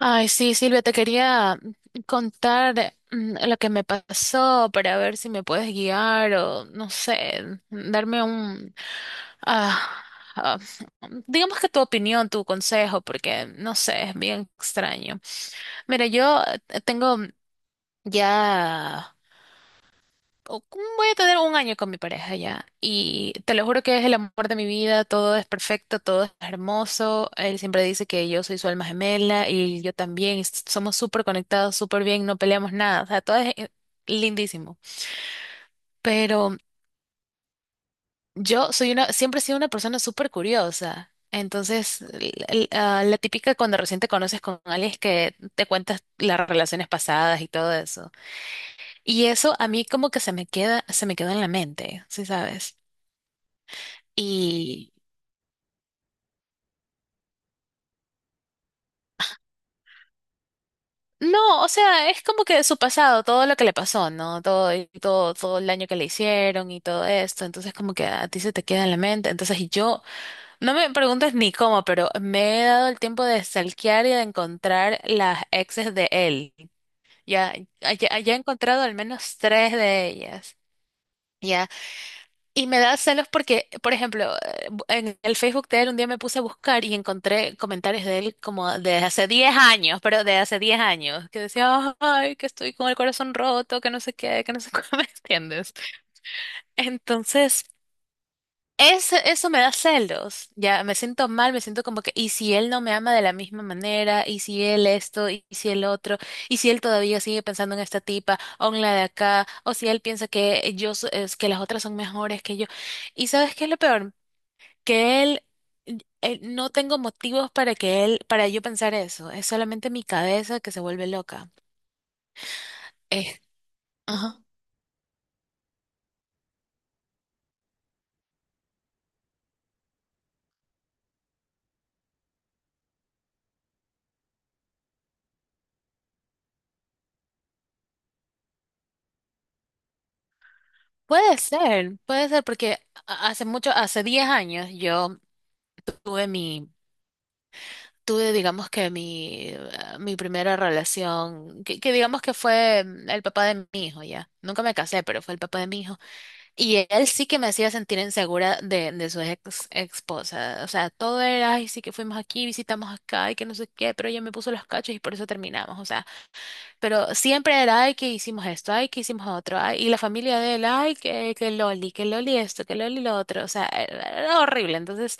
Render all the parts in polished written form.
Ay, sí, Silvia, te quería contar lo que me pasó para ver si me puedes guiar o, no sé, darme un, ah, ah, digamos que tu opinión, tu consejo, porque, no sé, es bien extraño. Mira, yo tengo ya o cómo voy a tener un año con mi pareja ya. Y te lo juro que es el amor de mi vida, todo es perfecto, todo es hermoso. Él siempre dice que yo soy su alma gemela y yo también, y somos súper conectados, súper bien, no peleamos nada, o sea, todo es lindísimo. Pero siempre he sido una persona súper curiosa. Entonces, la típica cuando recién te conoces con alguien es que te cuentas las relaciones pasadas y todo eso. Y eso a mí como que se me quedó en la mente, ¿sí sabes? Y no, o sea, es como que de su pasado, todo lo que le pasó, ¿no? Todo, y todo, todo el daño que le hicieron y todo esto. Entonces, como que a ti se te queda en la mente. Entonces, y yo, no me preguntes ni cómo, pero me he dado el tiempo de stalkear y de encontrar las exes de él. Ya, ya, ya he encontrado al menos tres de ellas. Y me da celos porque, por ejemplo, en el Facebook de él un día me puse a buscar y encontré comentarios de él como de hace 10 años, pero de hace 10 años, que decía, ay, que estoy con el corazón roto, que no sé qué, que no sé cómo, ¿me entiendes? Entonces, eso me da celos, ya me siento mal, me siento como que, ¿y si él no me ama de la misma manera? ¿Y si él esto? ¿Y si el otro? ¿Y si él todavía sigue pensando en esta tipa o en la de acá? ¿O si él piensa que yo, es que las otras son mejores que yo? ¿Y sabes qué es lo peor? Que no tengo motivos para que él, para yo pensar eso, es solamente mi cabeza que se vuelve loca. Es Ajá. Puede ser, porque hace mucho, hace 10 años yo tuve mi... tuve, digamos que mi primera relación, que digamos que fue el papá de mi hijo, ya. Nunca me casé, pero fue el papá de mi hijo. Y él sí que me hacía sentir insegura de su ex esposa. O sea, todo era, ay, sí que fuimos aquí, visitamos acá, y que no sé qué, pero ella me puso los cachos y por eso terminamos. O sea, pero siempre era, ay, que hicimos esto, ay, que hicimos otro, ay, y la familia de él, ay, que Loli, que Loli esto, que Loli lo otro. O sea, era horrible. Entonces,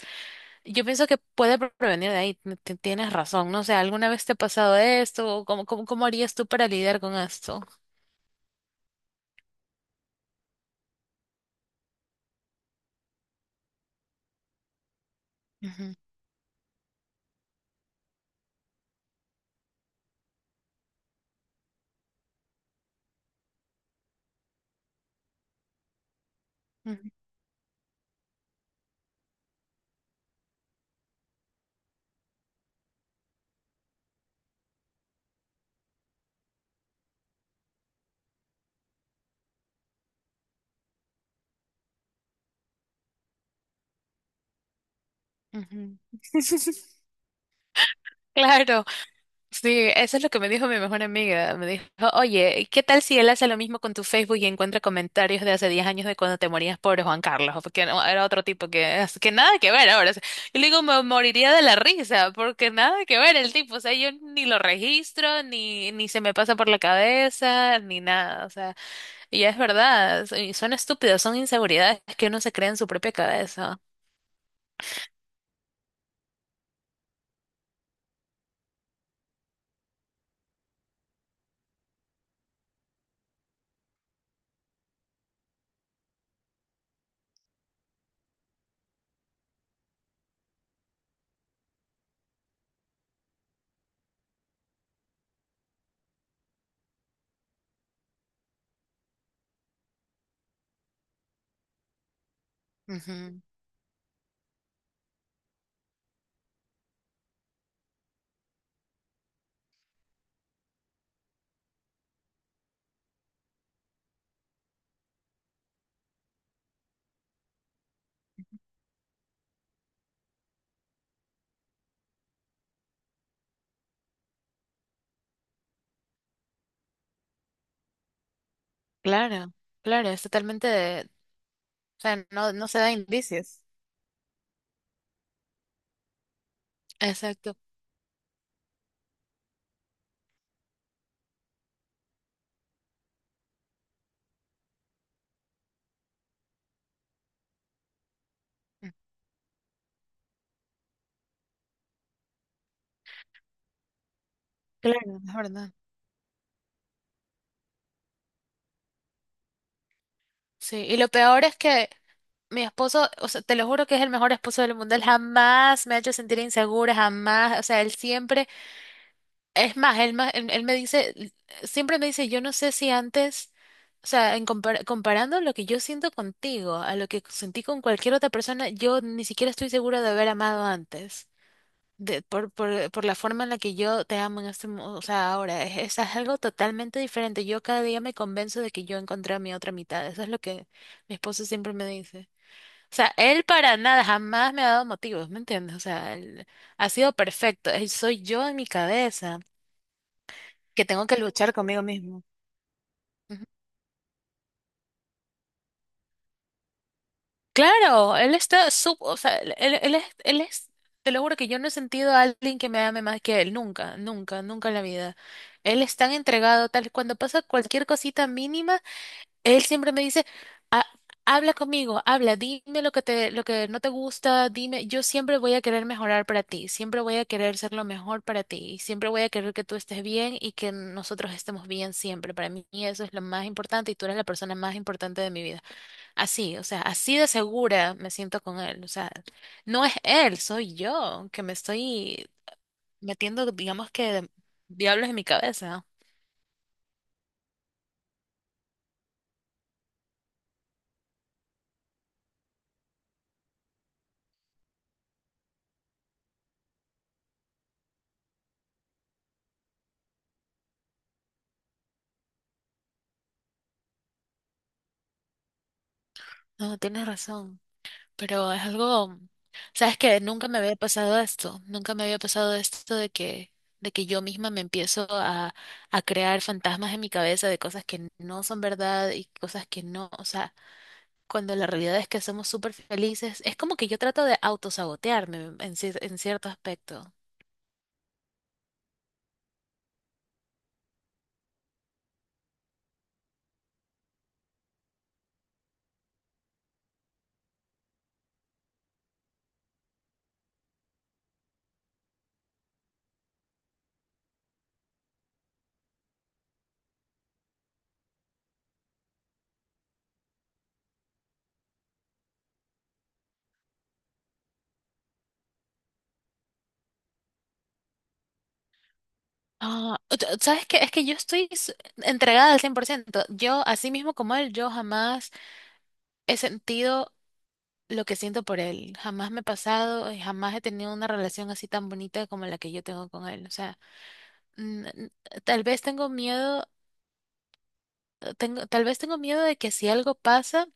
yo pienso que puede prevenir de ahí, tienes razón, no sé, ¿alguna vez te ha pasado esto? ¿O ¿Cómo harías tú para lidiar con esto? Ujú, ujú, ujú. Claro, sí, eso es lo que me dijo mi mejor amiga. Me dijo, oye, ¿qué tal si él hace lo mismo con tu Facebook y encuentra comentarios de hace 10 años de cuando te morías por Juan Carlos? Porque no, era otro tipo que nada que ver ahora. O sea, yo le digo, me moriría de la risa, porque nada que ver el tipo. O sea, yo ni lo registro, ni se me pasa por la cabeza, ni nada. O sea. Y es verdad, y son estúpidos, son inseguridades que uno se crea en su propia cabeza. Ujú. Claro, claro, es totalmente o sea, no, no se da indicios. Exacto. Mm. Claro, es verdad. Sí, y lo peor es que mi esposo, o sea, te lo juro que es el mejor esposo del mundo, él jamás me ha hecho sentir insegura, jamás, o sea, él siempre. Es más, él me dice, siempre me dice, yo no sé si antes, o sea, en comparando lo que yo siento contigo a lo que sentí con cualquier otra persona, yo ni siquiera estoy segura de haber amado antes, de, por la forma en la que yo te amo en este, o sea, ahora, es, algo totalmente diferente. Yo cada día me convenzo de que yo encontré a mi otra mitad. Eso es lo que mi esposo siempre me dice. O sea, él para nada, jamás me ha dado motivos, ¿me entiendes? O sea, él ha sido perfecto. Él soy yo en mi cabeza que tengo que luchar conmigo mismo. Ujú. Claro, él está o sea, él es, te lo juro que yo no he sentido a alguien que me ame más que él, nunca, nunca, nunca en la vida. Él es tan entregado, tal, cuando pasa cualquier cosita mínima, él siempre me dice, "Ha- habla conmigo, habla, dime lo que te, lo que no te gusta, dime, yo siempre voy a querer mejorar para ti, siempre voy a querer ser lo mejor para ti, y siempre voy a querer que tú estés bien y que nosotros estemos bien siempre. Para mí eso es lo más importante y tú eres la persona más importante de mi vida." Así, o sea, así de segura me siento con él. O sea, no es él, soy yo que me estoy metiendo, digamos que, diablos en mi cabeza. No, tienes razón, pero es algo, sabes que nunca me había pasado esto, nunca me había pasado esto de que yo misma me empiezo a crear fantasmas en mi cabeza de cosas que no son verdad y cosas que no, o sea, cuando la realidad es que somos súper felices, es como que yo trato de autosabotearme en, en cierto aspecto. Ah, ¿sabes qué? Es que yo estoy entregada al 100%. Yo, así mismo como él, yo jamás he sentido lo que siento por él. Jamás me he pasado y jamás he tenido una relación así tan bonita como la que yo tengo con él. O sea, mm, n- tal vez tengo miedo, tal vez tengo miedo de que si algo pasa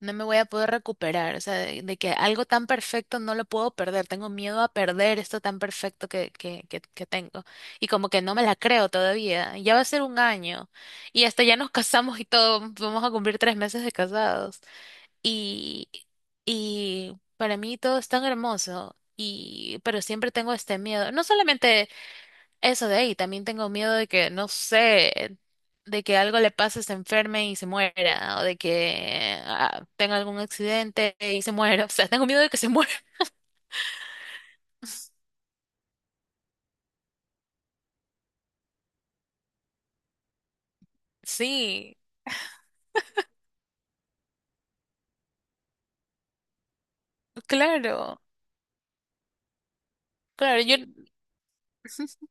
no me voy a poder recuperar, o sea, de que algo tan perfecto no lo puedo perder, tengo miedo a perder esto tan perfecto que tengo. Y como que no me la creo todavía, ya va a ser un año y hasta ya nos casamos y todo, vamos a cumplir 3 meses de casados. Y, y para mí todo es tan hermoso. Pero siempre tengo este miedo. No solamente eso de ahí, también tengo miedo de que, no sé, de que algo le pase, se enferme y se muera, o de que tenga algún accidente y se muera. O sea, tengo miedo de que se muera. Sí, claro, claro, yo,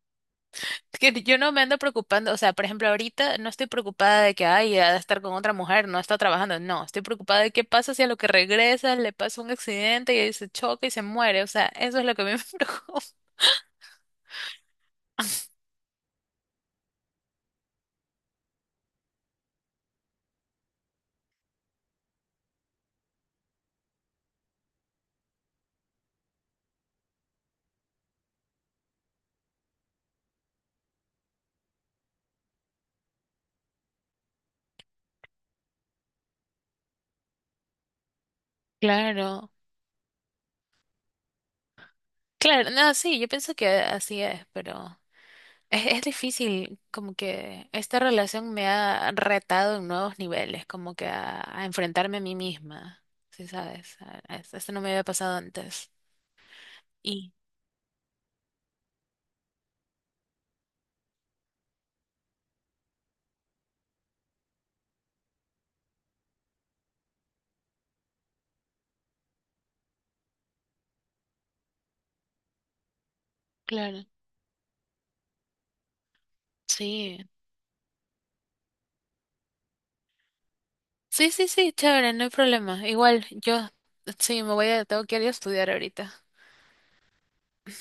que yo no me ando preocupando, o sea, por ejemplo, ahorita no estoy preocupada de que, ay, ha de estar con otra mujer, no está trabajando, no, estoy preocupada de qué pasa si a lo que regresa le pasa un accidente y ahí se choca y se muere, o sea, eso es lo que a mí me preocupa. Claro, claro, no, sí, yo pienso que así es, pero... Es difícil, como que esta relación me ha retado en nuevos niveles, como que a enfrentarme a mí misma, ¿sí sabes? Esto no me había pasado antes. Y, claro, sí. Sí, sí, sí, chévere, no hay problema. Igual, yo, sí, tengo que ir a estudiar ahorita.